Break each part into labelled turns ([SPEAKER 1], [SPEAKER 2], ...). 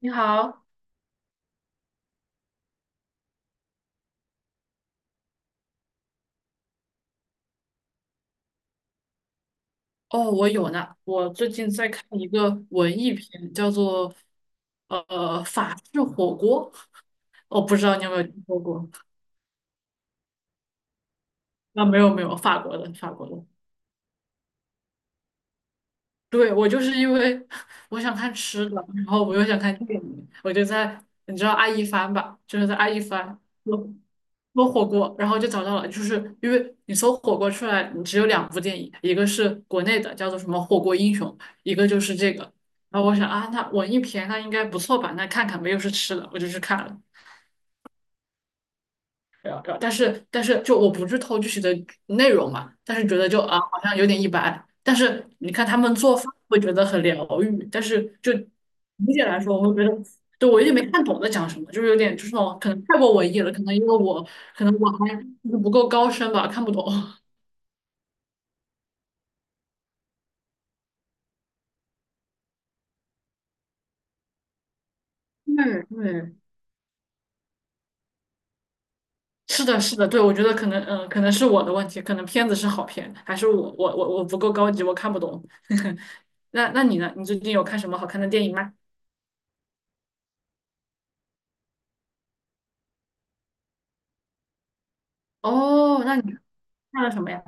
[SPEAKER 1] 你好，哦，我有呢。我最近在看一个文艺片，叫做法式火锅。我不知道你有没有听说过？啊，没有没有，法国的法国的。对，我就是因为我想看吃的，然后我又想看电影，我就在你知道爱一帆吧，就是在爱一帆搜搜火锅，然后就找到了，就是因为你搜火锅出来，你只有两部电影，一个是国内的叫做什么《火锅英雄》，一个就是这个。然后我想啊，那文艺片那应该不错吧？那看看没有是吃的，我就去看了。对啊，然后但是就我不剧偷具体的内容嘛，但是觉得就啊好像有点一般。但是你看他们做饭会觉得很疗愈，但是就理解来说，我会觉得对我有点没看懂在讲什么，就是有点就是那种可能太过文艺了，可能因为我可能我还就是不够高深吧，看不懂。嗯嗯，是的，是的，对，我觉得可能，可能是我的问题，可能片子是好片，还是我不够高级，我看不懂。那那你呢？你最近有看什么好看的电影吗？哦，那你看了什么呀？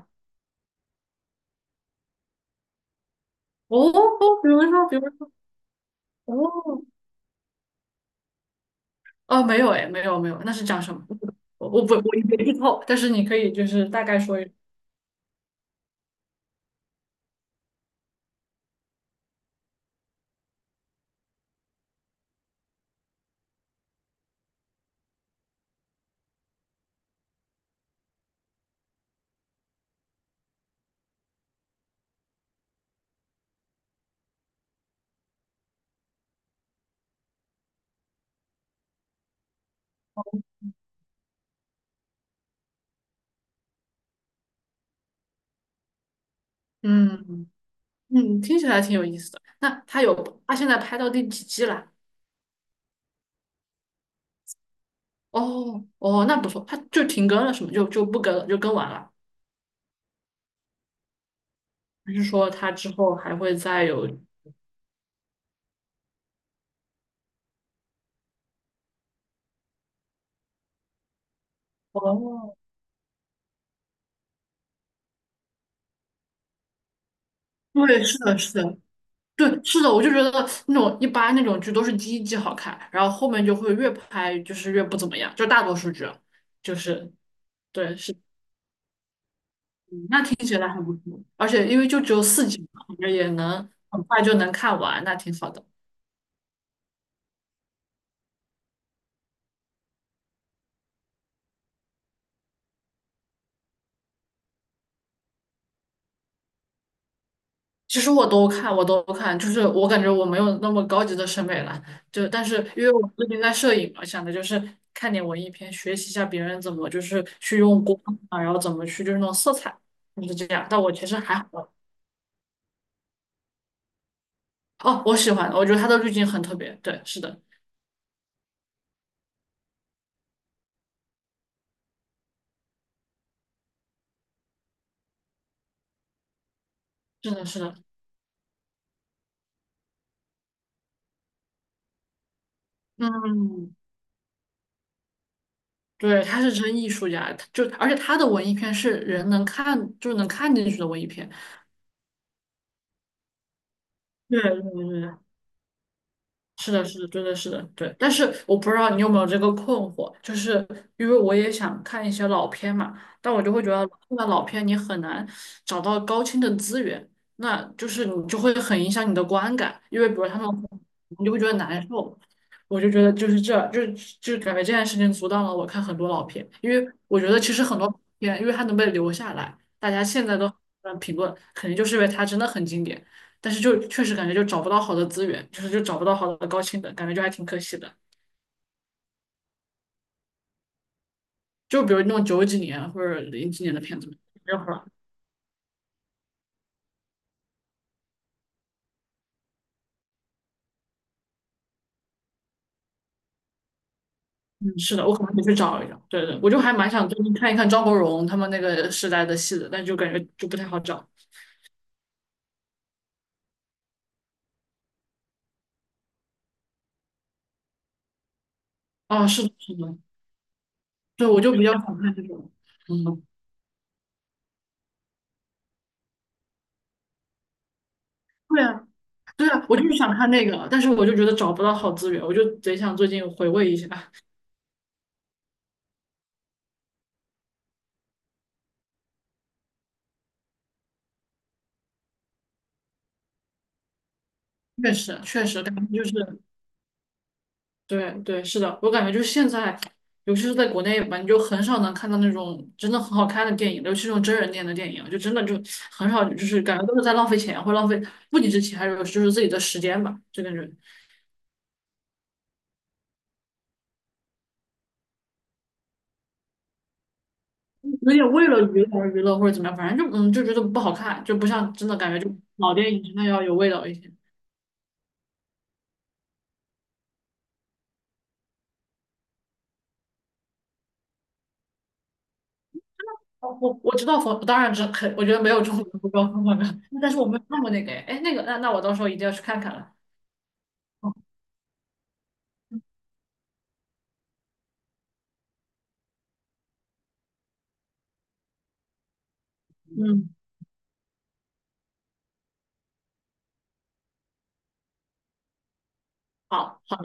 [SPEAKER 1] 哦哦，比如说，比如说，哦哦，没有哎，没有没有，那是讲什么？我也没剧透，但是你可以就是大概说一说，嗯嗯，听起来挺有意思的。那他有他现在拍到第几季了？哦哦，那不错，他就停更了，是吗？就不更了，就更完了。还是说他之后还会再有？哦，对，是的，是的，对，是的，我就觉得那种一般那种剧都是第一季好看，然后后面就会越拍就是越不怎么样，就大多数剧啊就是对是，嗯那听起来还不错，而且因为就只有四集嘛，感觉也能很快就能看完，那挺好的。其实我都看，我都看，就是我感觉我没有那么高级的审美了，就但是因为我最近在摄影嘛，想的就是看点文艺片，学习一下别人怎么就是去用光啊，然后怎么去就是那种色彩，就是这样。但我其实还好。哦，我喜欢，我觉得他的滤镜很特别。对，是的，是的，是的，嗯，对，他是真艺术家，他就而且他的文艺片是人能看，就是能看进去的文艺片。对对对是的，是的，对的，是的，对。但是我不知道你有没有这个困惑，就是因为我也想看一些老片嘛，但我就会觉得看到老片你很难找到高清的资源，那就是你就会很影响你的观感，因为比如他们你就会觉得难受。我就觉得就是这，就是就是感觉这件事情阻挡了我看很多老片，因为我觉得其实很多片，因为它能被留下来，大家现在都很评论，肯定就是因为它真的很经典。但是就确实感觉就找不到好的资源，就是就找不到好的高清的，感觉就还挺可惜的。就比如那种九几年或者零几年的片子，没有了。嗯，是的，我可能得去找一找。对对，我就还蛮想最近看一看张国荣他们那个时代的戏的，但就感觉就不太好找。啊，是的，是的，对，我就比较想看这种，嗯，对啊，对啊，我就是想看那个，但是我就觉得找不到好资源，我就贼想最近回味一下。确实，确实，感觉就是。对对，是的，我感觉就是现在，尤其是在国内吧，你就很少能看到那种真的很好看的电影，尤其是那种真人电影的电影，就真的就很少，就是感觉都是在浪费钱，或浪费不仅是钱，还有就是自己的时间吧，就感觉有点为了娱乐而娱乐或者怎么样，反正就嗯就觉得不好看，就不像真的感觉就老电影真的要有味道一些。哦，我我知道冯，当然知肯，我觉得没有中国不高分的，但是我没有看过那个，哎，诶那个那那我到时候一定要去看看了。哦，嗯，好。好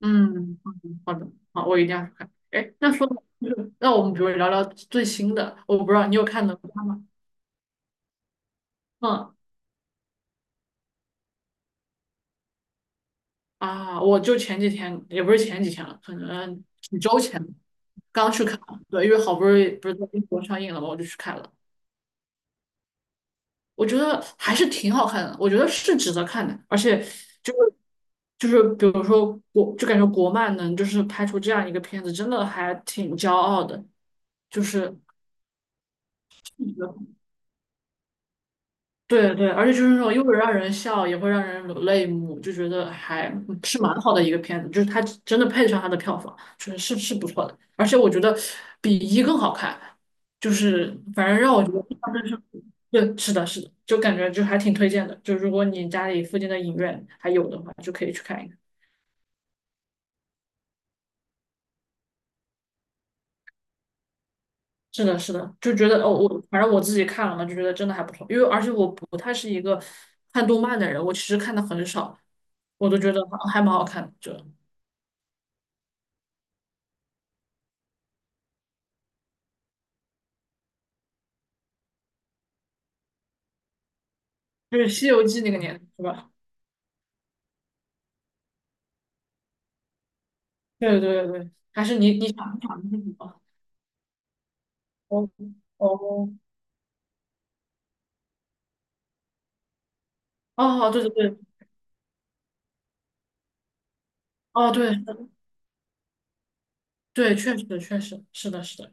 [SPEAKER 1] 嗯，好的，好，我一定要去看。哎，那说，那我们比如聊聊最新的，我不知道你有看哪吒吗？嗯，啊，我就前几天，也不是前几天了，可能几周前刚去看了。对，因为好不容易不是在英国上映了嘛，我就去看了。我觉得还是挺好看的，我觉得是值得看的，而且就是就是比如说国，就感觉国漫能就是拍出这样一个片子，真的还挺骄傲的，就是。对对，而且就是那种又会让人笑，也会让人流泪目，就觉得还是蛮好的一个片子，就是它真的配得上它的票房，就是是是不错的，而且我觉得比一更好看，就是反正让我觉得印象最深刻对，是的，是的，就感觉就还挺推荐的，就如果你家里附近的影院还有的话，就可以去看一看。是的，是的，就觉得哦，我反正我自己看了嘛，就觉得真的还不错，因为而且我不太是一个看动漫的人，我其实看的很少，我都觉得还还蛮好看的，就。就是《西游记》那个年代是吧？对对对对，还是你你想你想的是什么？哦哦哦，对对对，哦对对，确实确实是的是的，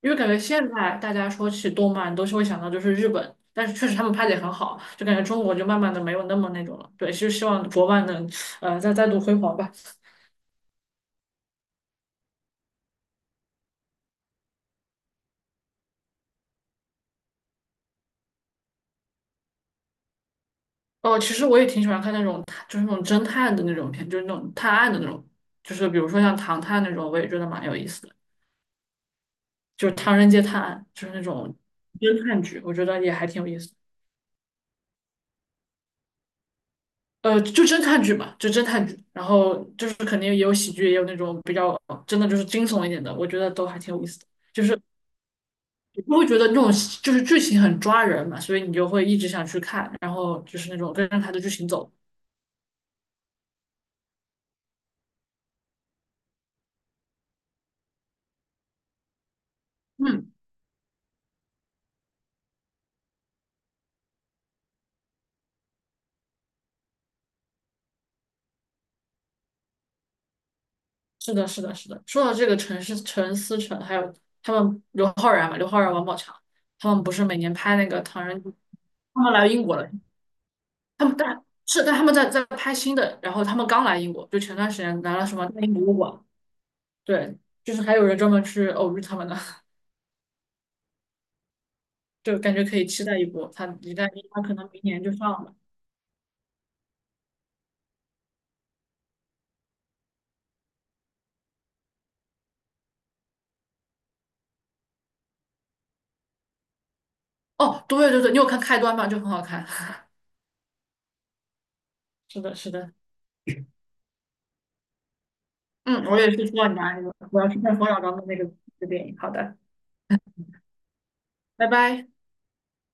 [SPEAKER 1] 因为感觉现在大家说起动漫都是会想到就是日本，但是确实他们拍的也很好，就感觉中国就慢慢的没有那么那种了。对，就希望国漫能再再度辉煌吧。哦，其实我也挺喜欢看那种就是那种侦探的那种片，就是那种探案的那种，就是比如说像《唐探》那种，我也觉得蛮有意思的。就是《唐人街探案》，就是那种侦探剧，我觉得也还挺有意思的。就侦探剧嘛，就侦探剧，然后就是肯定也有喜剧，也有那种比较真的就是惊悚一点的，我觉得都还挺有意思的。我会觉得那种就是剧情很抓人嘛，所以你就会一直想去看，然后就是那种跟着它的剧情走。嗯，是的，是的，是的。说到这个陈思诚，还有他们刘昊然嘛，刘昊然、王宝强，他们不是每年拍那个《唐人街》，他们来英国了。他们但是但他们在拍新的，然后他们刚来英国，就前段时间来了什么大英博物馆，对，就是还有人专门去偶遇他们的，就感觉可以期待一波。他一旦他可能明年就上了。哦，对对对，你有看开端吗？就很好看。是的，是的，嗯，我也是说到你那里了，我要去看冯小刚的那个那个电影。好的，拜拜。